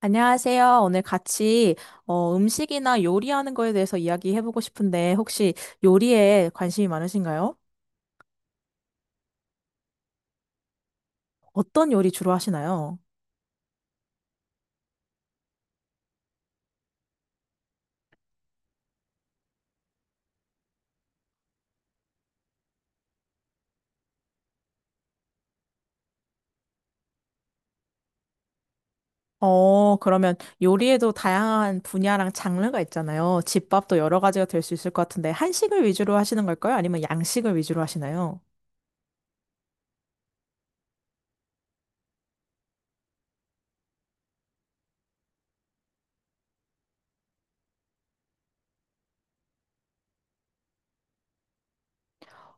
안녕하세요. 오늘 같이 음식이나 요리하는 거에 대해서 이야기해보고 싶은데 혹시 요리에 관심이 많으신가요? 어떤 요리 주로 하시나요? 그러면 요리에도 다양한 분야랑 장르가 있잖아요. 집밥도 여러 가지가 될 수 있을 것 같은데 한식을 위주로 하시는 걸까요? 아니면 양식을 위주로 하시나요?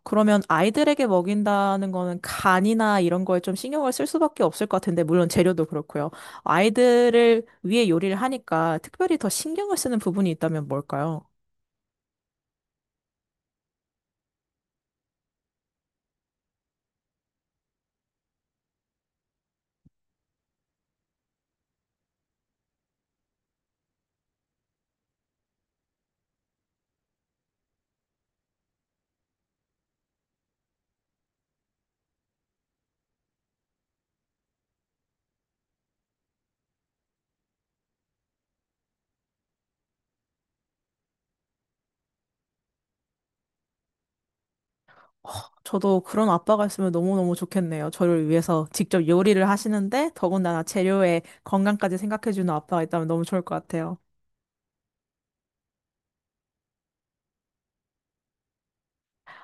그러면 아이들에게 먹인다는 거는 간이나 이런 거에 좀 신경을 쓸 수밖에 없을 것 같은데, 물론 재료도 그렇고요. 아이들을 위해 요리를 하니까 특별히 더 신경을 쓰는 부분이 있다면 뭘까요? 허, 저도 그런 아빠가 있으면 너무너무 좋겠네요. 저를 위해서 직접 요리를 하시는데, 더군다나 재료의 건강까지 생각해주는 아빠가 있다면 너무 좋을 것 같아요.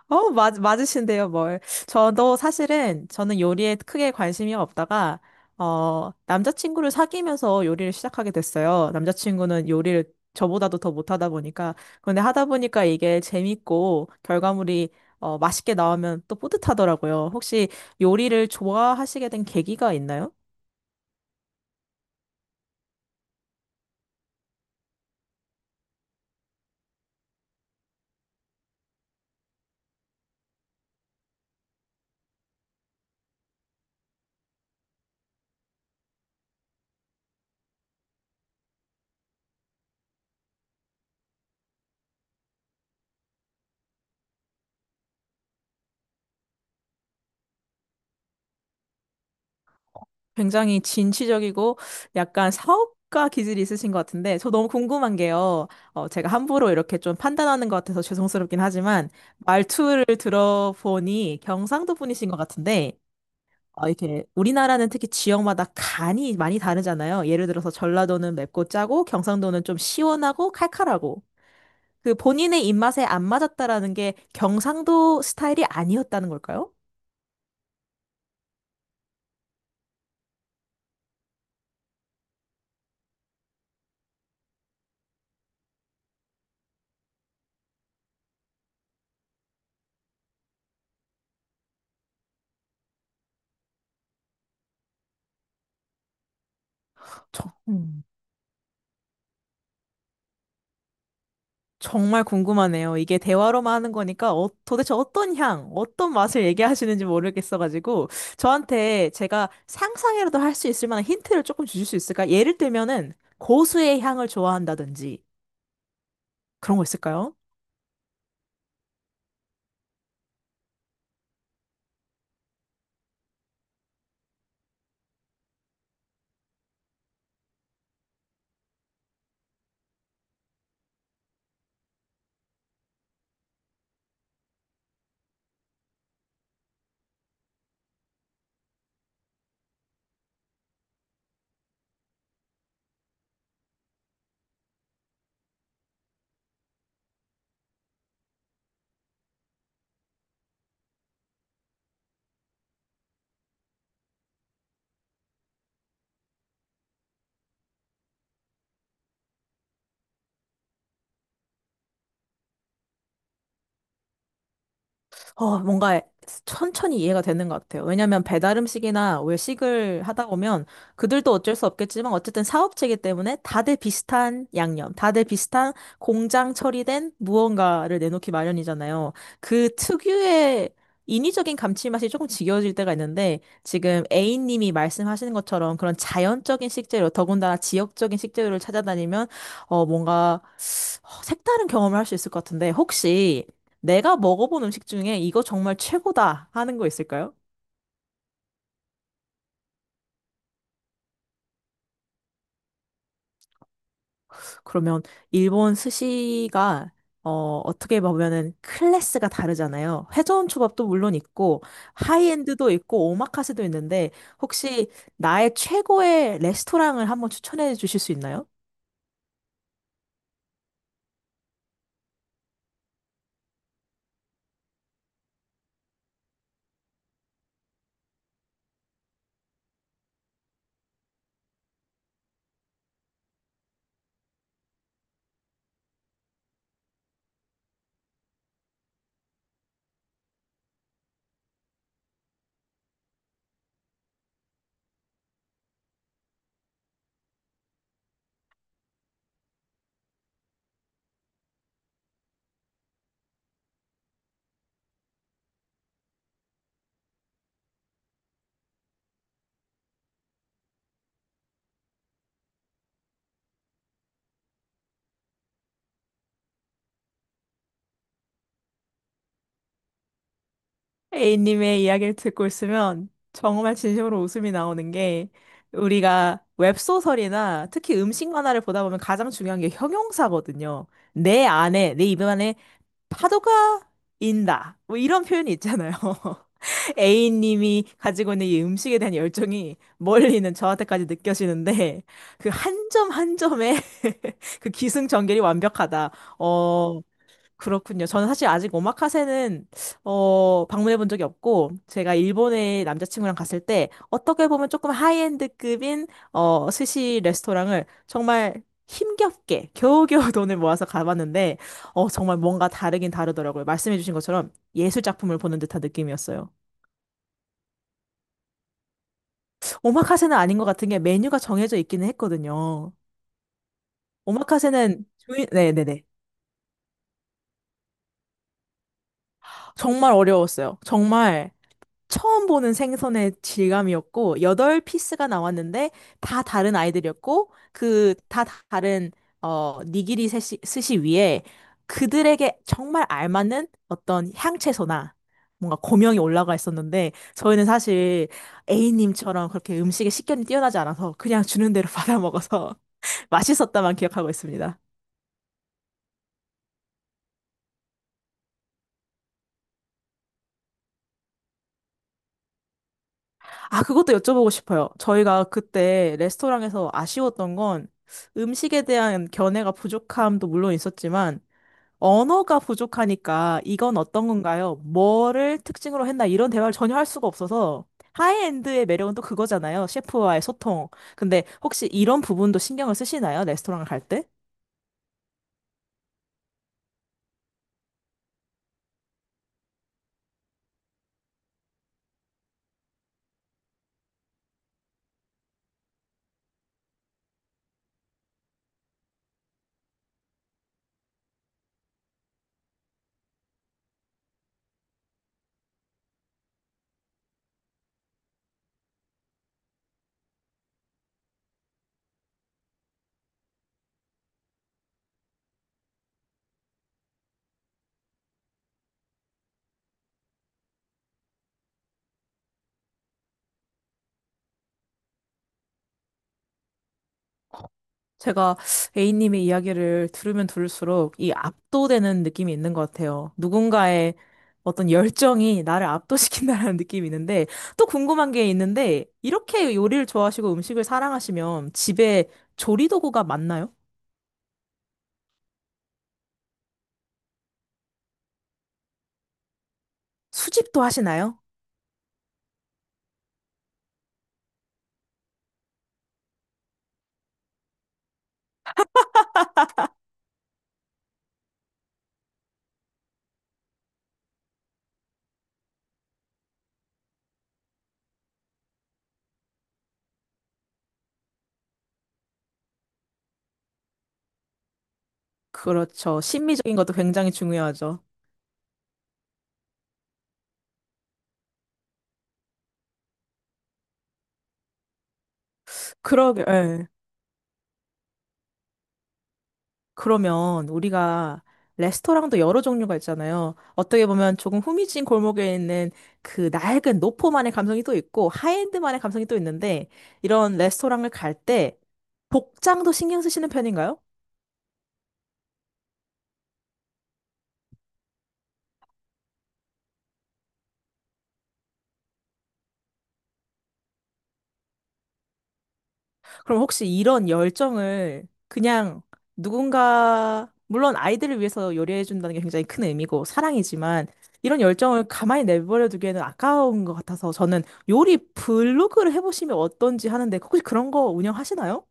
맞으신데요, 뭘. 저도 사실은, 저는 요리에 크게 관심이 없다가, 남자친구를 사귀면서 요리를 시작하게 됐어요. 남자친구는 요리를 저보다도 더 못하다 보니까. 그런데 하다 보니까 이게 재밌고, 결과물이, 맛있게 나오면 또 뿌듯하더라고요. 혹시 요리를 좋아하시게 된 계기가 있나요? 굉장히 진취적이고 약간 사업가 기질이 있으신 것 같은데 저 너무 궁금한 게요. 제가 함부로 이렇게 좀 판단하는 것 같아서 죄송스럽긴 하지만 말투를 들어보니 경상도 분이신 것 같은데 이렇게 우리나라는 특히 지역마다 간이 많이 다르잖아요. 예를 들어서 전라도는 맵고 짜고 경상도는 좀 시원하고 칼칼하고 그 본인의 입맛에 안 맞았다라는 게 경상도 스타일이 아니었다는 걸까요? 저, 정말 궁금하네요. 이게 대화로만 하는 거니까 도대체 어떤 향, 어떤 맛을 얘기하시는지 모르겠어가지고 저한테 제가 상상이라도 할 수 있을 만한 힌트를 조금 주실 수 있을까? 예를 들면은 고수의 향을 좋아한다든지 그런 거 있을까요? 뭔가 천천히 이해가 되는 것 같아요. 왜냐면 배달 음식이나 외식을 하다 보면 그들도 어쩔 수 없겠지만 어쨌든 사업체이기 때문에 다들 비슷한 양념, 다들 비슷한 공장 처리된 무언가를 내놓기 마련이잖아요. 그 특유의 인위적인 감칠맛이 조금 지겨워질 때가 있는데 지금 A님이 말씀하시는 것처럼 그런 자연적인 식재료, 더군다나 지역적인 식재료를 찾아다니면 뭔가 색다른 경험을 할 수 있을 것 같은데, 혹시 내가 먹어본 음식 중에 이거 정말 최고다 하는 거 있을까요? 그러면 일본 스시가 어떻게 보면은 클래스가 다르잖아요. 회전 초밥도 물론 있고 하이엔드도 있고 오마카세도 있는데 혹시 나의 최고의 레스토랑을 한번 추천해 주실 수 있나요? A님의 이야기를 듣고 있으면 정말 진심으로 웃음이 나오는 게 우리가 웹소설이나 특히 음식 만화를 보다 보면 가장 중요한 게 형용사거든요. 내 안에, 내 입 안에 파도가 인다. 뭐 이런 표현이 있잖아요. A님이 가지고 있는 이 음식에 대한 열정이 멀리 있는 저한테까지 느껴지는데 그 한 점 한 점의 그 기승전결이 완벽하다. 어, 그렇군요. 저는 사실 아직 오마카세는 방문해 본 적이 없고 제가 일본에 남자친구랑 갔을 때 어떻게 보면 조금 하이엔드급인 스시 레스토랑을 정말 힘겹게 겨우겨우 돈을 모아서 가봤는데 정말 뭔가 다르긴 다르더라고요. 말씀해 주신 것처럼 예술 작품을 보는 듯한 느낌이었어요. 오마카세는 아닌 것 같은 게 메뉴가 정해져 있기는 했거든요. 오마카세는 네네네. 정말 어려웠어요. 정말 처음 보는 생선의 질감이었고, 여덟 피스가 나왔는데, 다 다른 아이들이었고, 그, 다 다른, 니기리 스시, 스시 위에 그들에게 정말 알맞는 어떤 향채소나 뭔가 고명이 올라가 있었는데, 저희는 사실 A님처럼 그렇게 음식에 식견이 뛰어나지 않아서 그냥 주는 대로 받아 먹어서 맛있었다만 기억하고 있습니다. 아, 그것도 여쭤보고 싶어요. 저희가 그때 레스토랑에서 아쉬웠던 건 음식에 대한 견해가 부족함도 물론 있었지만 언어가 부족하니까 이건 어떤 건가요? 뭐를 특징으로 했나? 이런 대화를 전혀 할 수가 없어서 하이엔드의 매력은 또 그거잖아요. 셰프와의 소통. 근데 혹시 이런 부분도 신경을 쓰시나요? 레스토랑을 갈 때? 제가 A님의 이야기를 들으면 들을수록 이 압도되는 느낌이 있는 것 같아요. 누군가의 어떤 열정이 나를 압도시킨다라는 느낌이 있는데, 또 궁금한 게 있는데, 이렇게 요리를 좋아하시고 음식을 사랑하시면 집에 조리 도구가 많나요? 수집도 하시나요? 그렇죠. 심미적인 것도 굉장히 중요하죠. 그러게, 예. 그러면 우리가 레스토랑도 여러 종류가 있잖아요. 어떻게 보면 조금 후미진 골목에 있는 그 낡은 노포만의 감성이 또 있고 하이엔드만의 감성이 또 있는데 이런 레스토랑을 갈 때 복장도 신경 쓰시는 편인가요? 그럼 혹시 이런 열정을 그냥 누군가 물론 아이들을 위해서 요리해 준다는 게 굉장히 큰 의미고 사랑이지만 이런 열정을 가만히 내버려 두기에는 아까운 것 같아서 저는 요리 블로그를 해보시면 어떤지 하는데 혹시 그런 거 운영하시나요?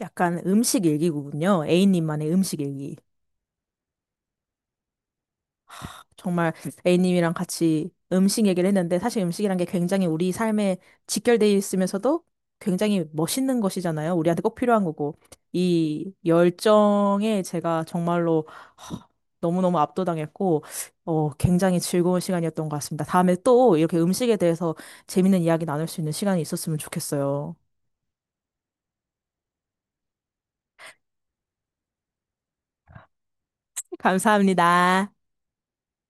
약간 음식 일기구군요. A님만의 음식 일기. 정말 A님이랑 같이 음식 얘기를 했는데 사실 음식이란 게 굉장히 우리 삶에 직결되어 있으면서도 굉장히 멋있는 것이잖아요. 우리한테 꼭 필요한 거고. 이 열정에 제가 정말로 허, 너무너무 압도당했고, 굉장히 즐거운 시간이었던 것 같습니다. 다음에 또 이렇게 음식에 대해서 재밌는 이야기 나눌 수 있는 시간이 있었으면 좋겠어요. 감사합니다.